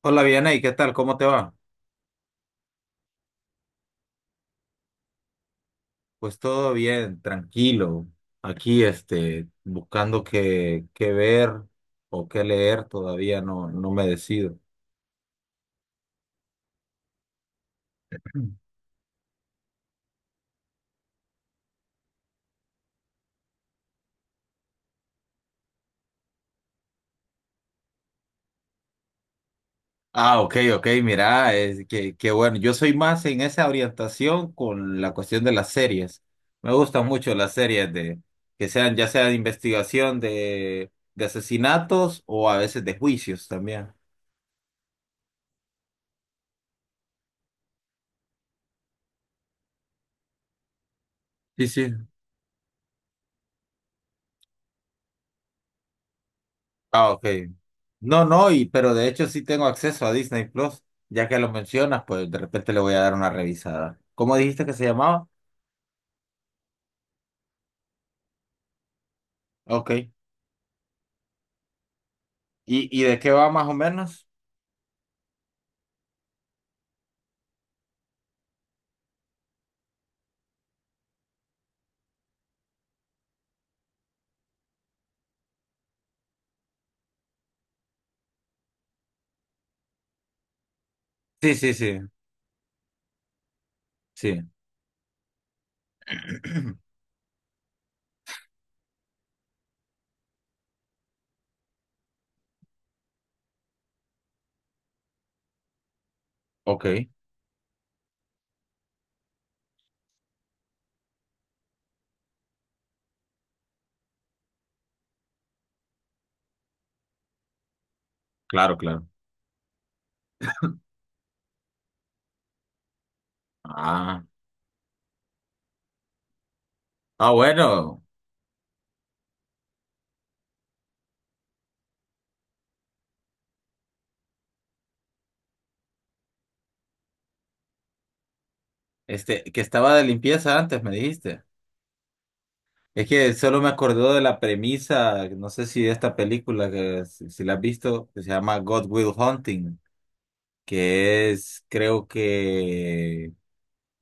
Hola, Vianey, ¿qué tal? ¿Cómo te va? Pues todo bien, tranquilo. Aquí, buscando qué ver o qué leer, todavía no, no me decido. Ah, ok, ok, mira, que bueno, yo soy más en esa orientación con la cuestión de las series. Me gustan mucho las series que sean, ya sea de investigación de asesinatos o a veces de juicios también. Sí, sí. Ah, ok. No, no, y pero de hecho sí tengo acceso a Disney Plus, ya que lo mencionas, pues de repente le voy a dar una revisada. ¿Cómo dijiste que se llamaba? Ok. Y de qué va más o menos? Sí, sí, sí, sí. Ok, claro, claro. Ah, ah, bueno, este, que estaba de limpieza antes, me dijiste. Es que solo me acordó de la premisa, no sé si de esta película, que si, si la has visto, que se llama God Will Hunting, creo que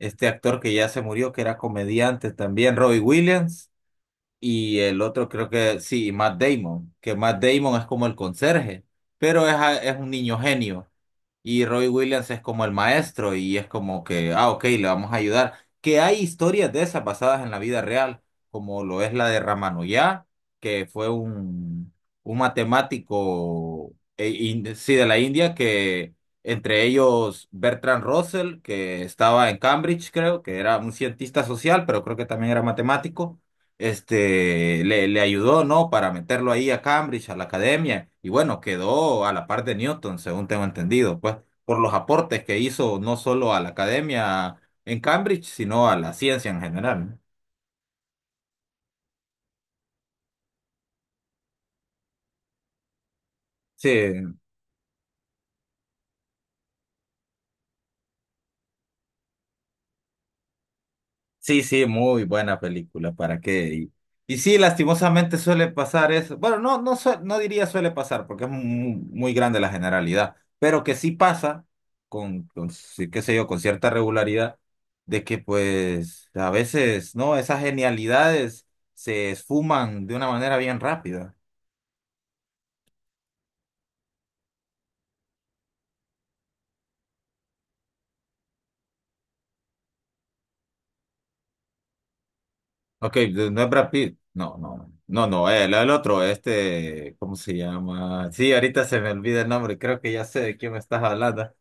este actor que ya se murió, que era comediante también, Robbie Williams, y el otro creo que sí, Matt Damon, que Matt Damon es como el conserje, pero es un niño genio. Y Roy Williams es como el maestro y es como que, ah, ok, le vamos a ayudar. Que hay historias de esas basadas en la vida real, como lo es la de Ramanujá, que fue un matemático, sí, de la India, que entre ellos Bertrand Russell, que estaba en Cambridge, creo, que era un cientista social, pero creo que también era matemático este, le ayudó, ¿no? Para meterlo ahí a Cambridge, a la academia, y bueno, quedó a la par de Newton, según tengo entendido, pues, por los aportes que hizo no solo a la academia en Cambridge, sino a la ciencia en general. ¿No? Sí, sí, sí, muy buena película, ¿para qué? Y sí, lastimosamente suele pasar eso. Bueno, no diría suele pasar, porque es muy, muy grande la generalidad, pero que sí pasa sí, qué sé yo, con cierta regularidad, de que pues a veces, ¿no? Esas genialidades se esfuman de una manera bien rápida. Ok, de- no es Brad Pitt. No, no, no, no, el otro, este, ¿cómo se llama? Sí, ahorita se me olvida el nombre, creo que ya sé de quién me estás hablando.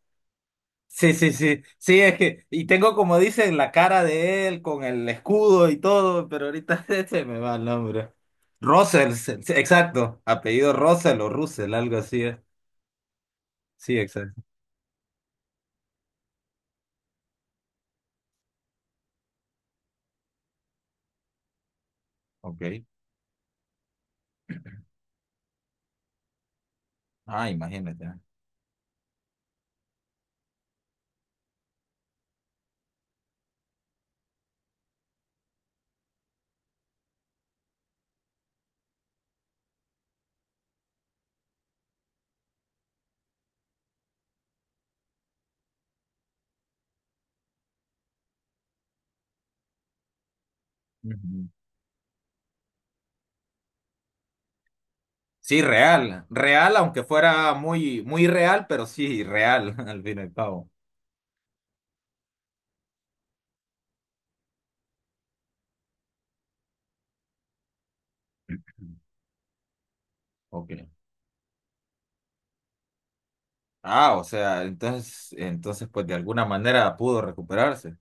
Sí, sí, sí, sí, y tengo como dicen la cara de él con el escudo y todo, pero ahorita se me va el nombre. Russell, se- se- exacto, apellido Russell o Russell, algo así es. Sí, exacto. Ok. Ah, imagínate. Ujú. Sí, real, real, aunque fuera muy, muy real, pero sí, real, al fin y al cabo. Ok. Ah, o sea, entonces, pues de alguna manera pudo recuperarse.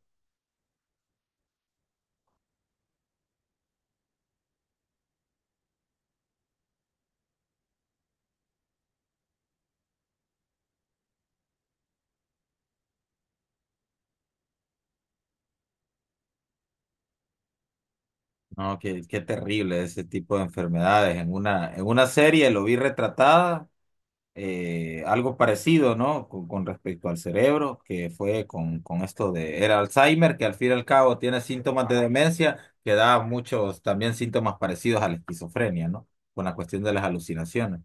No, qué, qué terrible ese tipo de enfermedades. En en una serie lo vi retratada, algo parecido, ¿no? Con respecto al cerebro, que fue con esto de, era Alzheimer, que al fin y al cabo tiene síntomas de demencia, que da muchos también síntomas parecidos a la esquizofrenia, ¿no? Con la cuestión de las alucinaciones.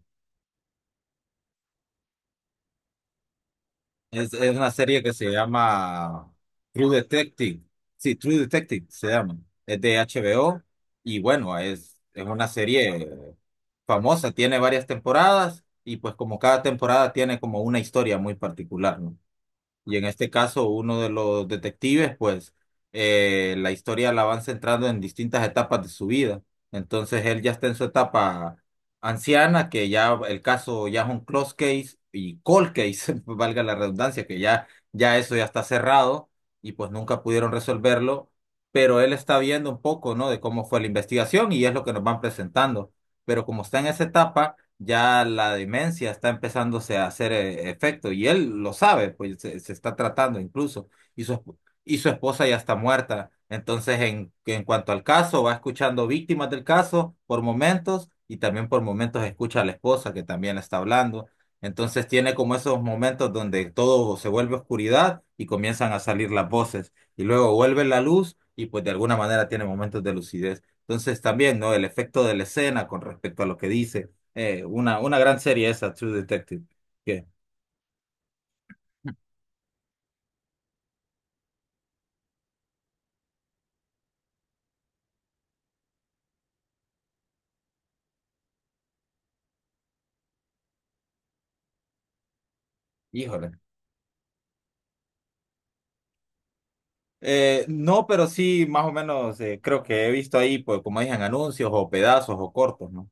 Es una serie que se llama True Detective. Sí, True Detective se llama. Es de HBO y bueno, es una serie famosa, tiene varias temporadas y pues como cada temporada tiene como una historia muy particular, ¿no? Y en este caso, uno de los detectives, pues, la historia la van centrando en distintas etapas de su vida. Entonces, él ya está en su etapa anciana, que ya el caso ya es un close case y cold case, valga la redundancia, que ya eso ya está cerrado y pues nunca pudieron resolverlo. Pero él está viendo un poco, ¿no? De cómo fue la investigación y es lo que nos van presentando. Pero como está en esa etapa ya la demencia está empezándose a hacer efecto y él lo sabe, se está tratando incluso y y su esposa ya está muerta. Entonces, en cuanto al caso, va escuchando víctimas del caso por momentos y también por momentos escucha a la esposa que también está hablando. Entonces tiene como esos momentos donde todo se vuelve oscuridad y comienzan a salir las voces y luego vuelve la luz y pues de alguna manera tiene momentos de lucidez. Entonces también, ¿no? El efecto de la escena con respecto a lo que dice una gran serie esa, True Detective. Que, híjole. No, pero sí, más o menos creo que he visto ahí, pues, como dicen, anuncios o pedazos o cortos, ¿no?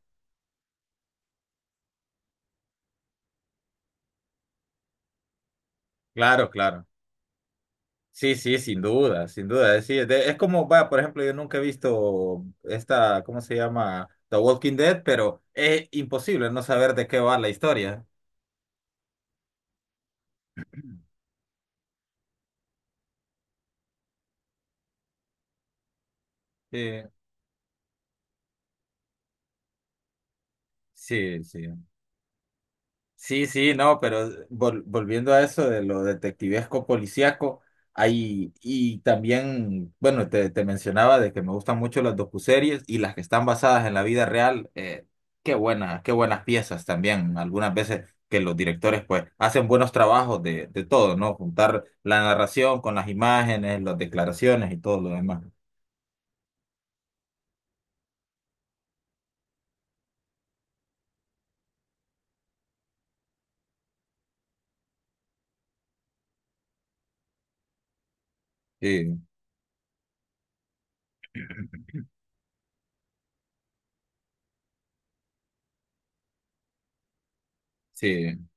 Claro, claro. Sí, sí, sin duda, sin duda. Sí, es como, va, por ejemplo, yo nunca he visto esta, ¿cómo se llama? The Walking Dead, pero es imposible no saber de qué va la historia. Sí, sí, sí. Sí, sí, no, pero vol- volviendo a eso de lo detectivesco policíaco, hay, y también, bueno, te mencionaba de que me gustan mucho las docuseries y las que están basadas en la vida real, qué buenas piezas también. Algunas veces que los directores pues hacen buenos trabajos de todo, ¿no? Juntar la narración con las imágenes, las declaraciones y todo lo demás. Sí, sí.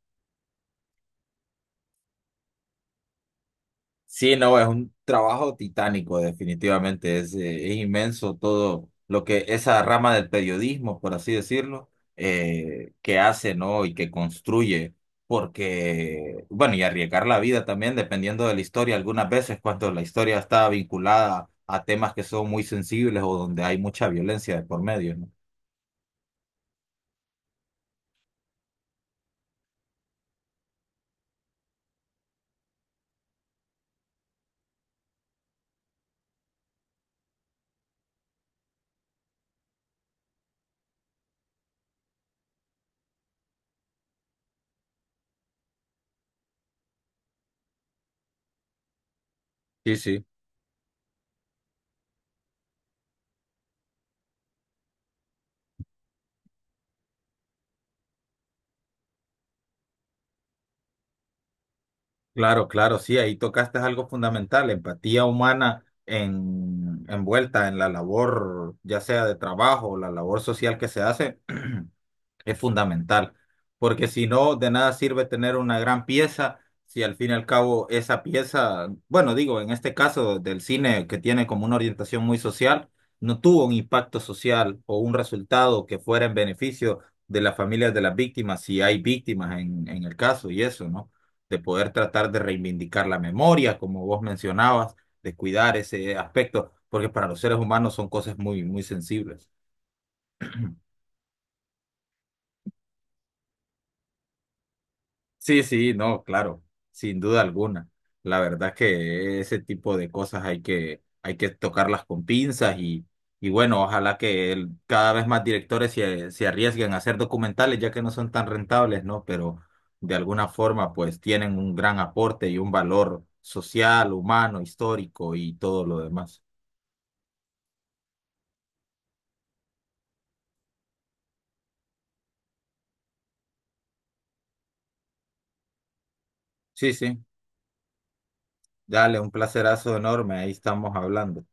Sí, no, es un trabajo titánico, definitivamente. Es inmenso todo lo que esa rama del periodismo, por así decirlo, que hace, ¿no? Y que construye. Porque, bueno, y arriesgar la vida también, dependiendo de la historia, algunas veces cuando la historia está vinculada a temas que son muy sensibles o donde hay mucha violencia de por medio, ¿no? Sí, sí. Claro, claro, sí, ahí tocaste algo fundamental, empatía humana en, envuelta en la labor, ya sea de trabajo o la labor social que se hace, es fundamental, porque si no, de nada sirve tener una gran pieza si al fin y al cabo esa pieza, bueno, digo, en este caso del cine que tiene como una orientación muy social, no tuvo un impacto social o un resultado que fuera en beneficio de las familias de las víctimas, si hay víctimas en el caso y eso, ¿no? De poder tratar de reivindicar la memoria, como vos mencionabas, de cuidar ese aspecto, porque para los seres humanos son cosas muy, muy sensibles. Sí, sí, no, claro, sin duda alguna. La verdad es que ese tipo de cosas hay que tocarlas con pinzas y bueno, ojalá que el- cada vez más directores se arriesguen a hacer documentales, ya que no son tan rentables, ¿no? Pero de alguna forma, pues tienen un gran aporte y un valor social, humano, histórico y todo lo demás. Sí, sí, dale, un placerazo enorme, ahí estamos hablando.